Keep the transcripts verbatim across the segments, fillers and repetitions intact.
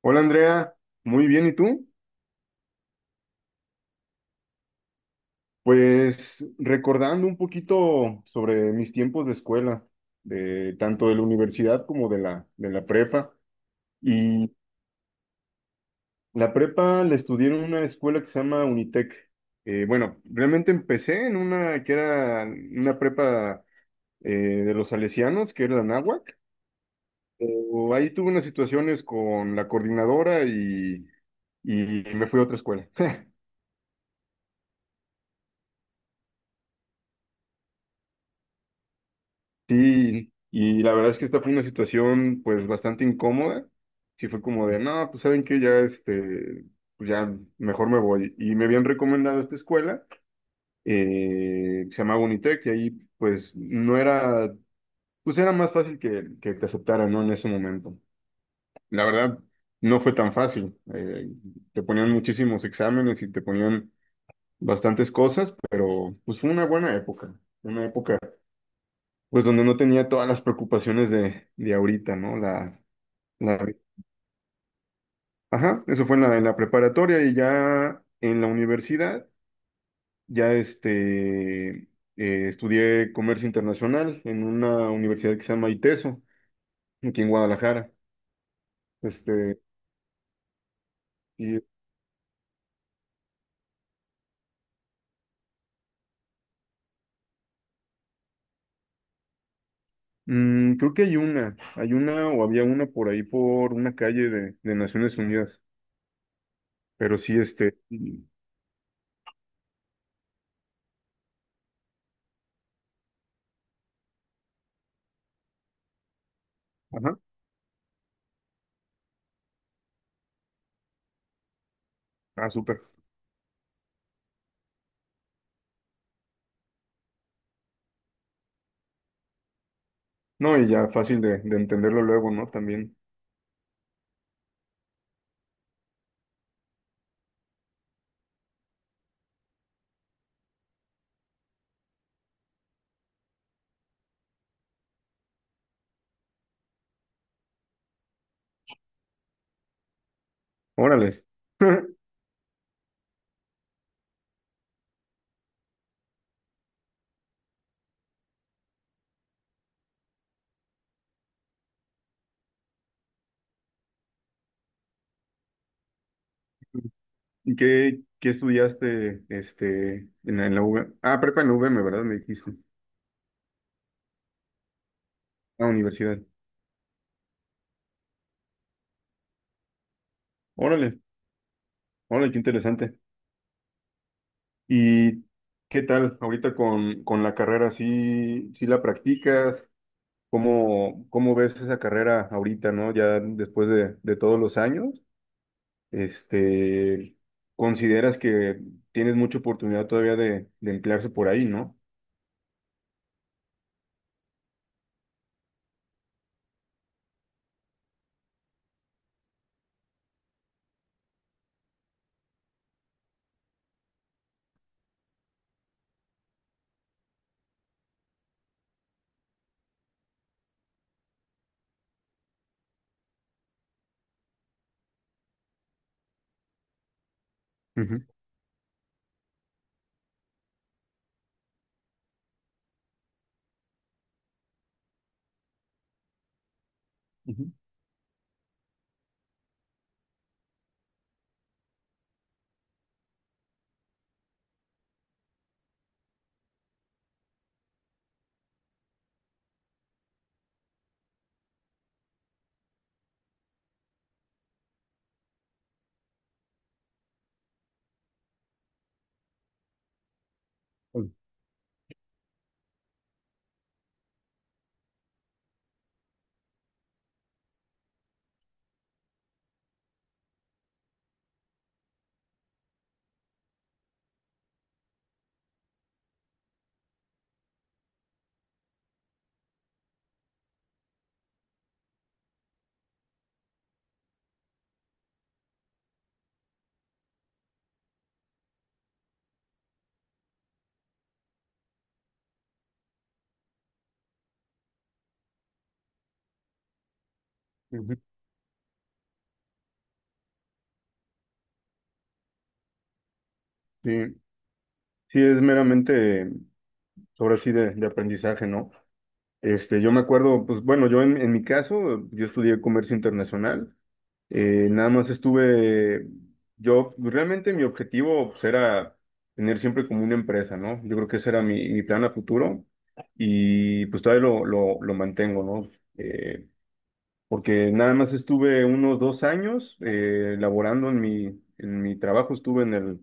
Hola Andrea, muy bien, ¿y tú? Pues recordando un poquito sobre mis tiempos de escuela, de tanto de la universidad como de la, de la prepa. Y la prepa la estudié en una escuela que se llama Unitec. Eh, bueno, realmente empecé en una que era una prepa eh, de los salesianos, que era la Náhuac. Pero ahí tuve unas situaciones con la coordinadora y, y me fui a otra escuela. Sí, y la verdad es que esta fue una situación pues bastante incómoda. Sí fue como de no, pues saben que ya este, pues ya mejor me voy. Y me habían recomendado esta escuela, eh, que se llama Bonitec, y ahí pues no era, pues era más fácil que, que te aceptaran, ¿no? En ese momento. La verdad, no fue tan fácil. Eh, te ponían muchísimos exámenes y te ponían bastantes cosas, pero pues fue una buena época, una época pues donde no tenía todas las preocupaciones de, de ahorita, ¿no? La, la, ajá, eso fue en la, en la preparatoria y ya en la universidad, ya este, eh, estudié comercio internacional en una universidad que se llama ITESO, aquí en Guadalajara. Este, y mm, creo que hay una, hay una o había una por ahí por una calle de, de Naciones Unidas, pero sí, este, y- ajá, ah, súper. No, y ya fácil de, de entenderlo luego, ¿no? También, órale. ¿Y qué, qué estudiaste este, en la, en la U V? Ah, prepa en la U V M, ¿verdad? Me dijiste. Ah, universidad. Órale, órale, qué interesante. ¿Y qué tal ahorita con, con la carrera? ¿Sí, sí la practicas? ¿Cómo, cómo ves esa carrera ahorita, no? Ya después de, de todos los años, este, consideras que tienes mucha oportunidad todavía de, de emplearse por ahí, ¿no? Ujú, ujú. Ujú. Sí, sí, es meramente. Ahora sí de, de aprendizaje, ¿no? Este, yo me acuerdo, pues bueno, yo en, en mi caso, yo estudié comercio internacional, eh, nada más estuve, yo realmente mi objetivo pues, era tener siempre como una empresa, ¿no? Yo creo que ese era mi, mi plan a futuro y pues todavía lo, lo, lo mantengo, ¿no? Eh, Porque nada más estuve unos dos años eh, laborando en mi, en mi trabajo, estuve en el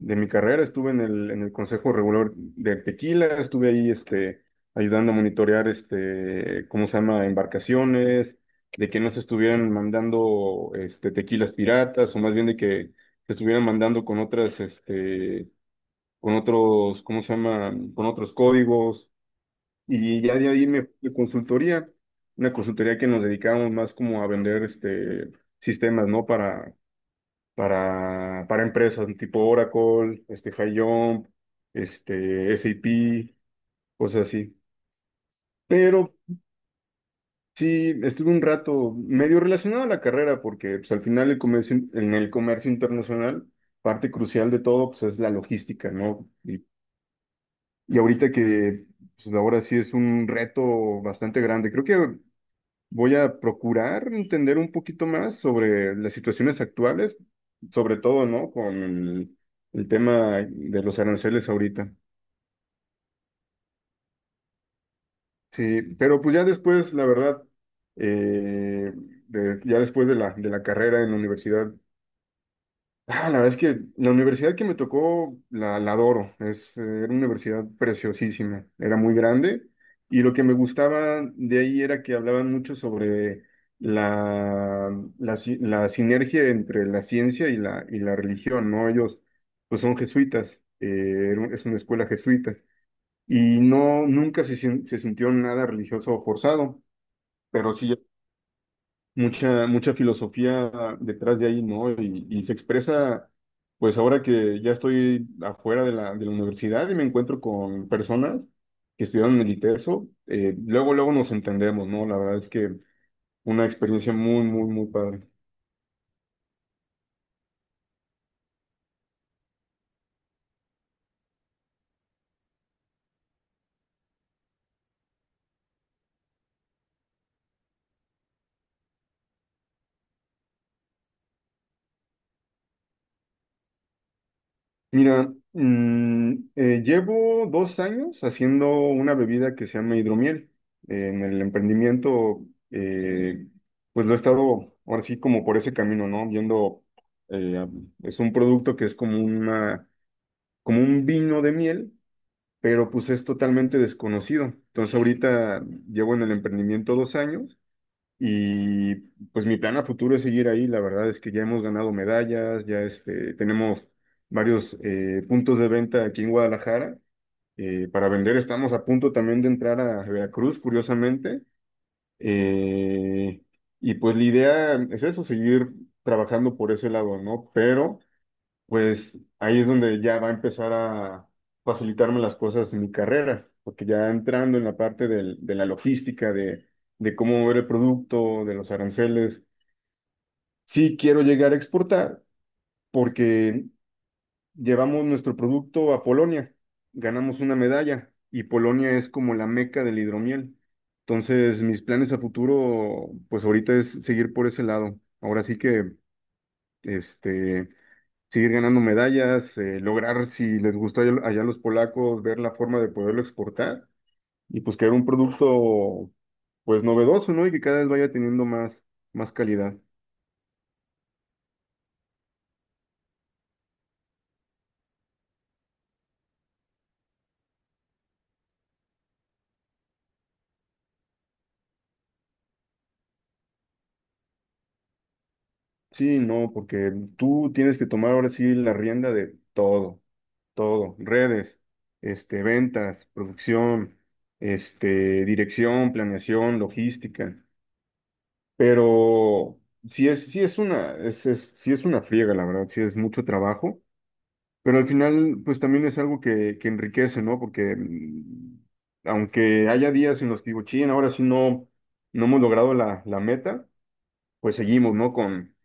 de mi carrera, estuve en el, en el Consejo Regular del Tequila, estuve ahí este, ayudando a monitorear este, ¿cómo se llama? Embarcaciones, de que no se estuvieran mandando este, tequilas piratas, o más bien de que se estuvieran mandando con otras, este, con otros, ¿cómo se llama? Con otros códigos. Y ya de ahí me fui a consultoría, una consultoría que nos dedicábamos más como a vender este, sistemas, ¿no? para para, para empresas tipo Oracle, este, Jump, este, SAP, cosas así. Pero sí, estuve un rato medio relacionado a la carrera porque pues, al final el comercio, in- en el comercio internacional, parte crucial de todo pues, es la logística, ¿no? Y, y ahorita que pues, ahora sí es un reto bastante grande. Creo que voy a procurar entender un poquito más sobre las situaciones actuales, sobre todo, ¿no? Con el, el tema de los aranceles ahorita. Sí, pero pues ya después, la verdad, eh, de- ya después de la, de la carrera en la universidad. Ah, la verdad es que la universidad que me tocó la, la adoro. Es, eh, era una universidad preciosísima. Era muy grande y lo que me gustaba de ahí era que hablaban mucho sobre la, la, si- la sinergia entre la ciencia y la, y la religión, ¿no? Ellos pues son jesuitas, eh, era un- es una escuela jesuita y no, nunca se, sin- se sintió nada religioso o forzado, pero sí mucha, mucha filosofía detrás de ahí, ¿no? Y, y se expresa, pues ahora que ya estoy afuera de la, de la universidad y me encuentro con personas que estudiaron en el ITESO, eh, luego, luego nos entendemos, ¿no? La verdad es que una experiencia muy, muy, muy padre. Mira, mm, eh, llevo dos años haciendo una bebida que se llama hidromiel. En el emprendimiento, eh, pues lo he estado ahora sí como por ese camino, ¿no? Viendo, eh, es un producto que es como una, como un vino de miel, pero pues es totalmente desconocido. Entonces ahorita llevo en el emprendimiento dos años y pues mi plan a futuro es seguir ahí. La verdad es que ya hemos ganado medallas, ya este, tenemos varios eh, puntos de venta aquí en Guadalajara. Eh, para vender estamos a punto también de entrar a Veracruz, curiosamente. Eh, y pues la idea es eso, seguir trabajando por ese lado, ¿no? Pero pues ahí es donde ya va a empezar a facilitarme las cosas en mi carrera, porque ya entrando en la parte del- de la logística, de, de cómo mover el producto, de los aranceles, sí quiero llegar a exportar porque llevamos nuestro producto a Polonia, ganamos una medalla y Polonia es como la meca del hidromiel. Entonces, mis planes a futuro, pues ahorita es seguir por ese lado. Ahora sí que, este... seguir ganando medallas, eh, lograr, si les gustó allá, allá a los polacos, ver la forma de poderlo exportar y pues crear un producto pues novedoso, ¿no? Y que cada vez vaya teniendo más, más calidad. Sí, no, porque tú tienes que tomar ahora sí la rienda de todo, todo, redes, este, ventas, producción, este, dirección, planeación, logística, pero sí es, sí es una, es, es, sí es una friega, la verdad, sí es mucho trabajo. Pero al final, pues también es algo que, que enriquece, ¿no? Porque mm, aunque haya días en los que digo, ching, ahora sí no, no hemos logrado la, la meta, pues seguimos, ¿no? Con,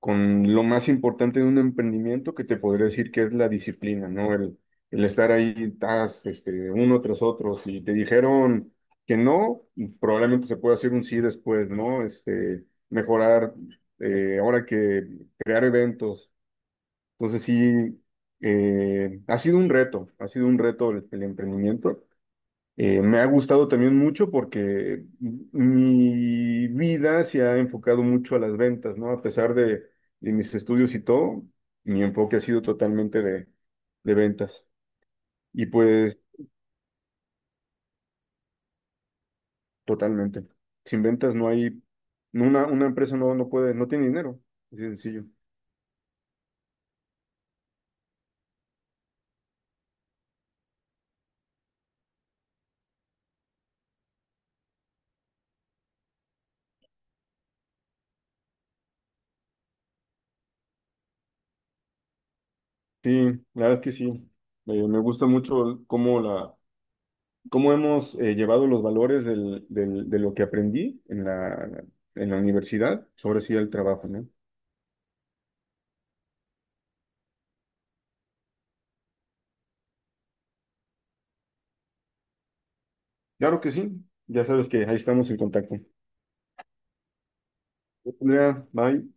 con lo más importante de un emprendimiento que te podría decir que es la disciplina, ¿no? El, el estar ahí, tas, este, uno tras otro. Si te dijeron que no, probablemente se pueda hacer un sí después, ¿no? Este, mejorar, eh, ahora que crear eventos, entonces sí, eh, ha sido un reto, ha sido un reto el, el emprendimiento. Eh, me ha gustado también mucho porque mi vida se ha enfocado mucho a las ventas, ¿no? A pesar de, de mis estudios y todo, mi enfoque ha sido totalmente de, de ventas. Y pues totalmente. Sin ventas no hay, una, una empresa no, no puede, no tiene dinero. Así de sencillo. Sí, la verdad es que sí. Eh, me gusta mucho cómo la cómo hemos eh, llevado los valores del- del- de lo que aprendí en la, en la universidad sobre sí el trabajo, ¿no? Claro que sí, ya sabes que ahí estamos en contacto. Hola, bye.